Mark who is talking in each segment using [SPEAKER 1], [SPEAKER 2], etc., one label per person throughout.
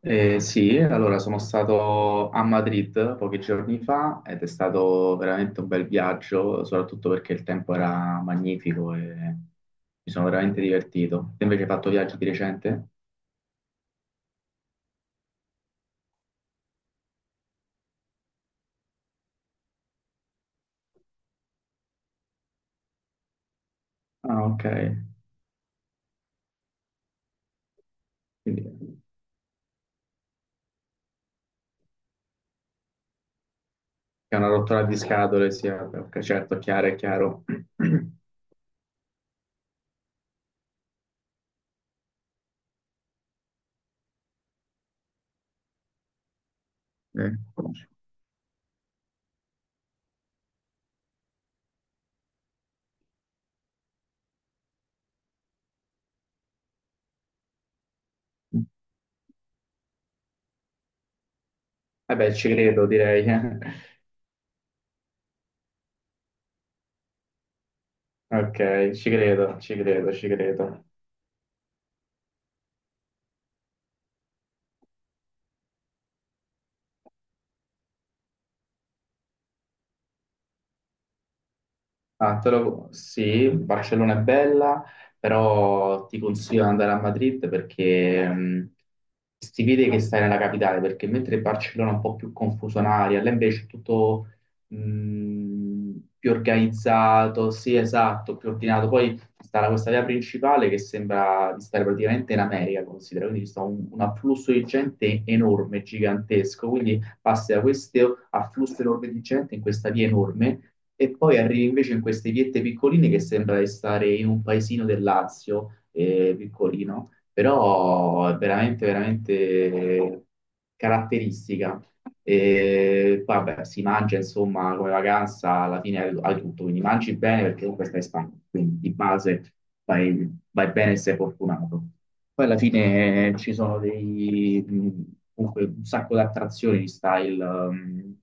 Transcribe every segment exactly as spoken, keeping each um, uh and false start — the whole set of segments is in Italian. [SPEAKER 1] Eh, sì, allora sono stato a Madrid pochi giorni fa ed è stato veramente un bel viaggio, soprattutto perché il tempo era magnifico e mi sono veramente divertito. Te invece hai fatto viaggi di recente? Ah, ok. Quindi è una rottura di scatole, sì, vabbè, ok, certo, chiaro, è chiaro. Eh. Vabbè, ci credo, direi. Ok, ci credo, ci credo, ci credo. Ah, te lo- Sì, Barcellona è bella, però ti consiglio di andare a Madrid perché mh, si vede che stai nella capitale, perché mentre Barcellona è un po' più confusionaria, là invece è tutto mh, più organizzato, sì, esatto, più ordinato. Poi sta la- questa via principale che sembra di stare praticamente in America, considera, quindi c'è un, un afflusso di gente enorme, gigantesco, quindi passi da questo afflusso enorme di gente in questa via enorme e poi arrivi invece in queste viette piccoline che sembra di stare in un paesino del Lazio, eh, piccolino, però è veramente, veramente caratteristica. E vabbè, si mangia insomma come vacanza, alla fine hai hai tutto, quindi mangi bene perché comunque stai in Spagna, quindi di base vai, vai bene e sei fortunato. Poi alla fine eh, ci sono dei, mh, comunque un sacco di attrazioni di style, ehm,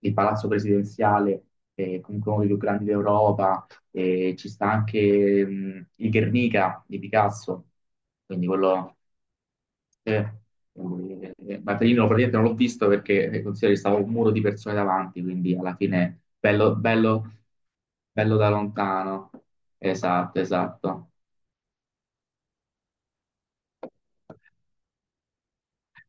[SPEAKER 1] il Palazzo Presidenziale è comunque uno dei più grandi d'Europa, e ci sta anche mh, il Guernica di Picasso, quindi quello... eh, eh, Mattarino praticamente non l'ho visto perché eh, considero che stava un muro di persone davanti, quindi alla fine bello, bello, bello da lontano. Esatto, esatto.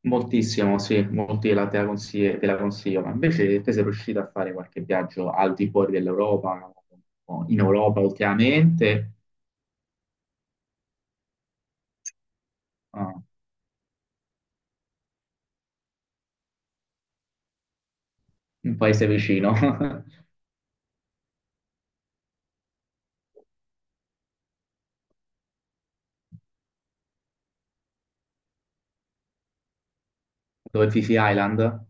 [SPEAKER 1] Moltissimo, sì, molti la te la consigli- te la consiglio, ma invece te sei riuscito a fare qualche viaggio al di fuori dell'Europa, o in Europa ultimamente? Ah, un paese vicino. Dove, Fiji Island?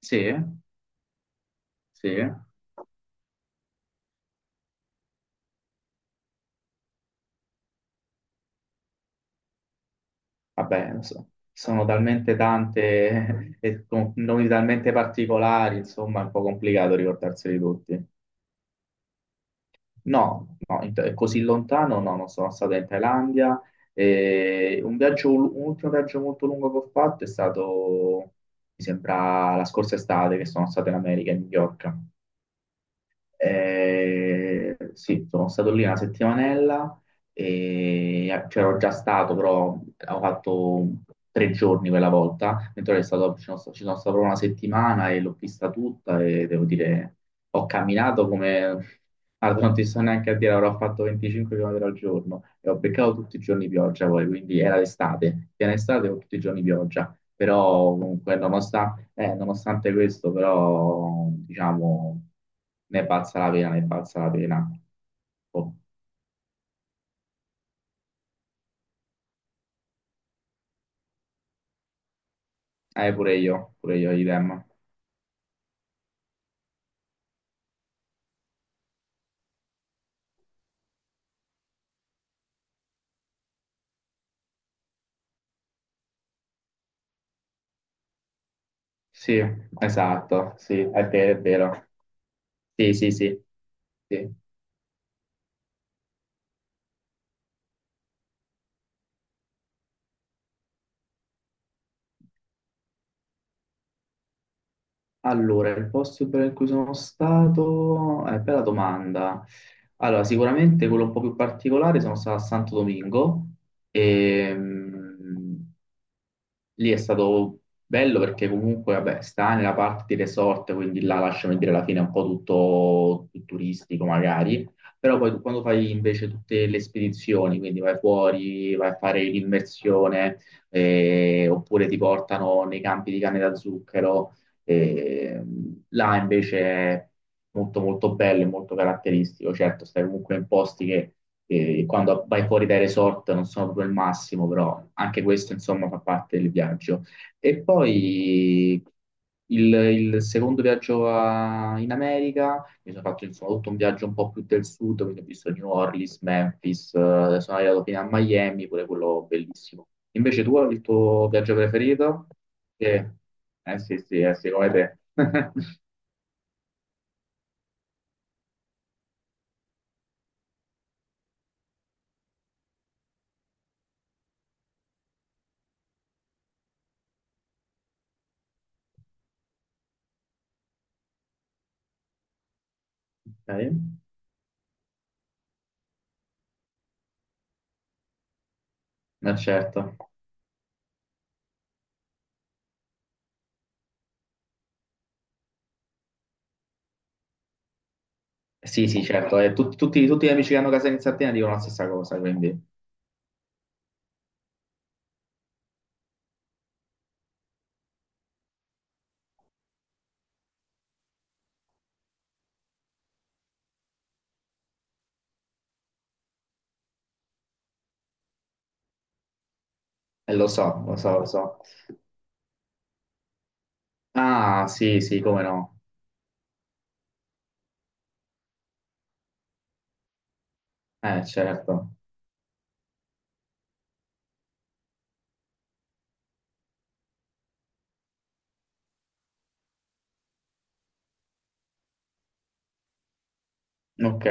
[SPEAKER 1] Sì, sì, vabbè, lo so. Sono talmente tante e con nomi talmente particolari, insomma, è un po' complicato ricordarseli tutti. No, no, in Tha- così lontano no, non sono stato in Thailandia. E un viaggio, un ultimo viaggio molto lungo che ho fatto è stato, mi sembra, la scorsa estate, che sono stato in America, a New York. Eh, sì, sono stato lì una settimanella e c'ero già stato, però ho fatto tre giorni quella volta, mentre ero stato, ci sono, ci sono stato proprio una settimana e l'ho vista tutta e devo dire, ho camminato come... Guarda, non ti so neanche a dire, avrò fatto venticinque chilometri al giorno e ho beccato tutti i giorni pioggia poi, quindi era l'estate, piena estate con tutti i giorni pioggia, però comunque nonostante... Eh, nonostante questo, però, diciamo, ne è valsa la pena, ne è valsa la pena. Oh. Eh, pure io, pure io, idem. Sì, esatto, sì, è vero, è vero. Sì, sì, sì, sì. Allora, il posto bello in cui sono stato, è bella domanda. Allora, sicuramente quello un po' più particolare, sono stato a Santo Domingo, e, lì è stato bello perché comunque, vabbè, sta nella parte di resort, quindi là lasciami dire alla fine è un po' tutto, tutto turistico magari, però poi tu- quando fai invece tutte le spedizioni, quindi vai fuori, vai a fare l'immersione, eh, oppure ti portano nei campi di canne da zucchero, e, mh, là invece è molto molto bello e molto caratteristico. Certo, stai comunque in posti che eh, quando vai fuori dai resort non sono proprio il massimo, però anche questo insomma fa parte del viaggio. E poi il, il secondo viaggio a- in America, mi sono fatto insomma tutto un viaggio un po' più del sud, quindi ho visto New Orleans, Memphis, eh, sono arrivato fino a Miami, pure quello bellissimo. Invece tu, il tuo viaggio preferito? Sì. Eh sì, sì, eh sì, come te. Ok? Ma certo. Sì, sì, certo. E tut- tutti, tutti gli amici che hanno casa in Sardegna dicono la stessa cosa, quindi. E lo so, lo so, lo so. Ah, sì, sì, come no. Eh, certo. Ok.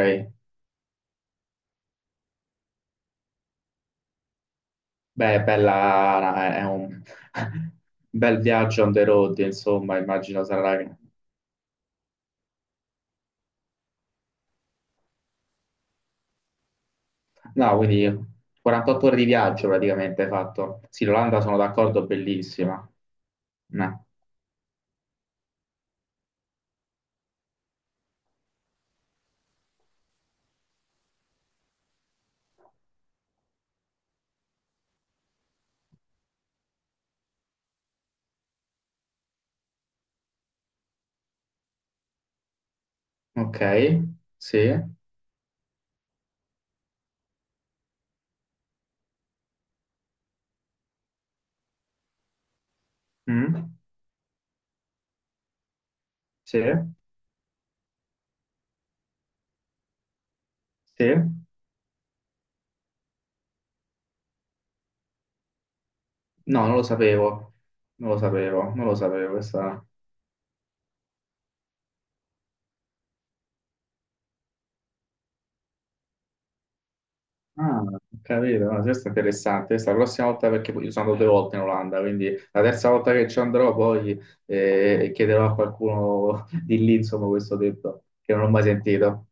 [SPEAKER 1] Beh, bella, è un bel viaggio on the road, insomma, immagino sarà... No, quindi quarantotto ore di viaggio praticamente hai fatto. Sì, l'Olanda sono d'accordo, bellissima. No. Ok, sì. Mm. Sì? Sì? No, non lo sapevo. Non lo sapevo, non lo sapevo. Questa... Ah, ho capito, no, questo è interessante. Questa la prossima volta, perché io sono andato due volte in Olanda, quindi la terza volta che ci andrò poi eh, chiederò a qualcuno di lì, insomma, questo detto, che non ho mai sentito.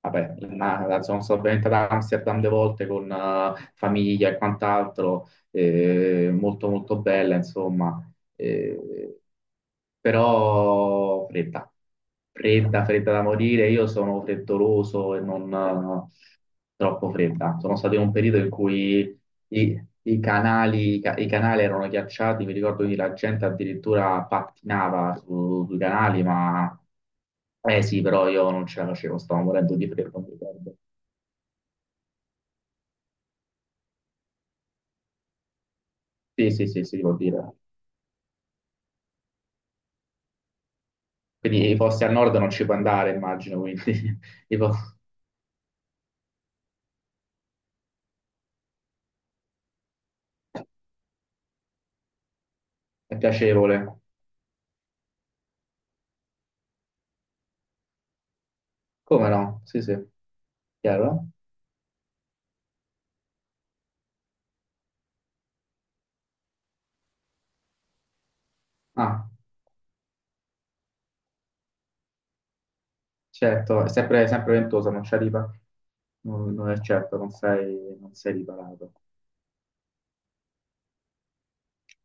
[SPEAKER 1] Vabbè, ma, insomma, sono venuto ad Amsterdam due volte con eh, famiglia e quant'altro, eh, molto molto bella, insomma. Eh, però fredda, fredda, fredda da morire. Io sono freddoloso e non eh, troppo fredda. Sono stato in un periodo in cui i, i canali, i ca- i canali erano ghiacciati, mi ricordo che la gente addirittura pattinava su- sui canali, ma eh sì, però io non ce la facevo, stavo morendo di freddo, mi ricordo. Sì, sì, sì, si può dire. Quindi i posti al nord non ci puoi andare, immagino, quindi tipo, è piacevole. Come no? Sì, sì. Chiaro? Ah. Certo, è sempre, è sempre ventosa, non ci arriva, non, non è certo, non sei, non sei riparato.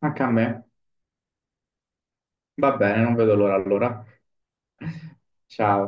[SPEAKER 1] Anche a me. Va bene, non vedo l'ora allora. Ciao.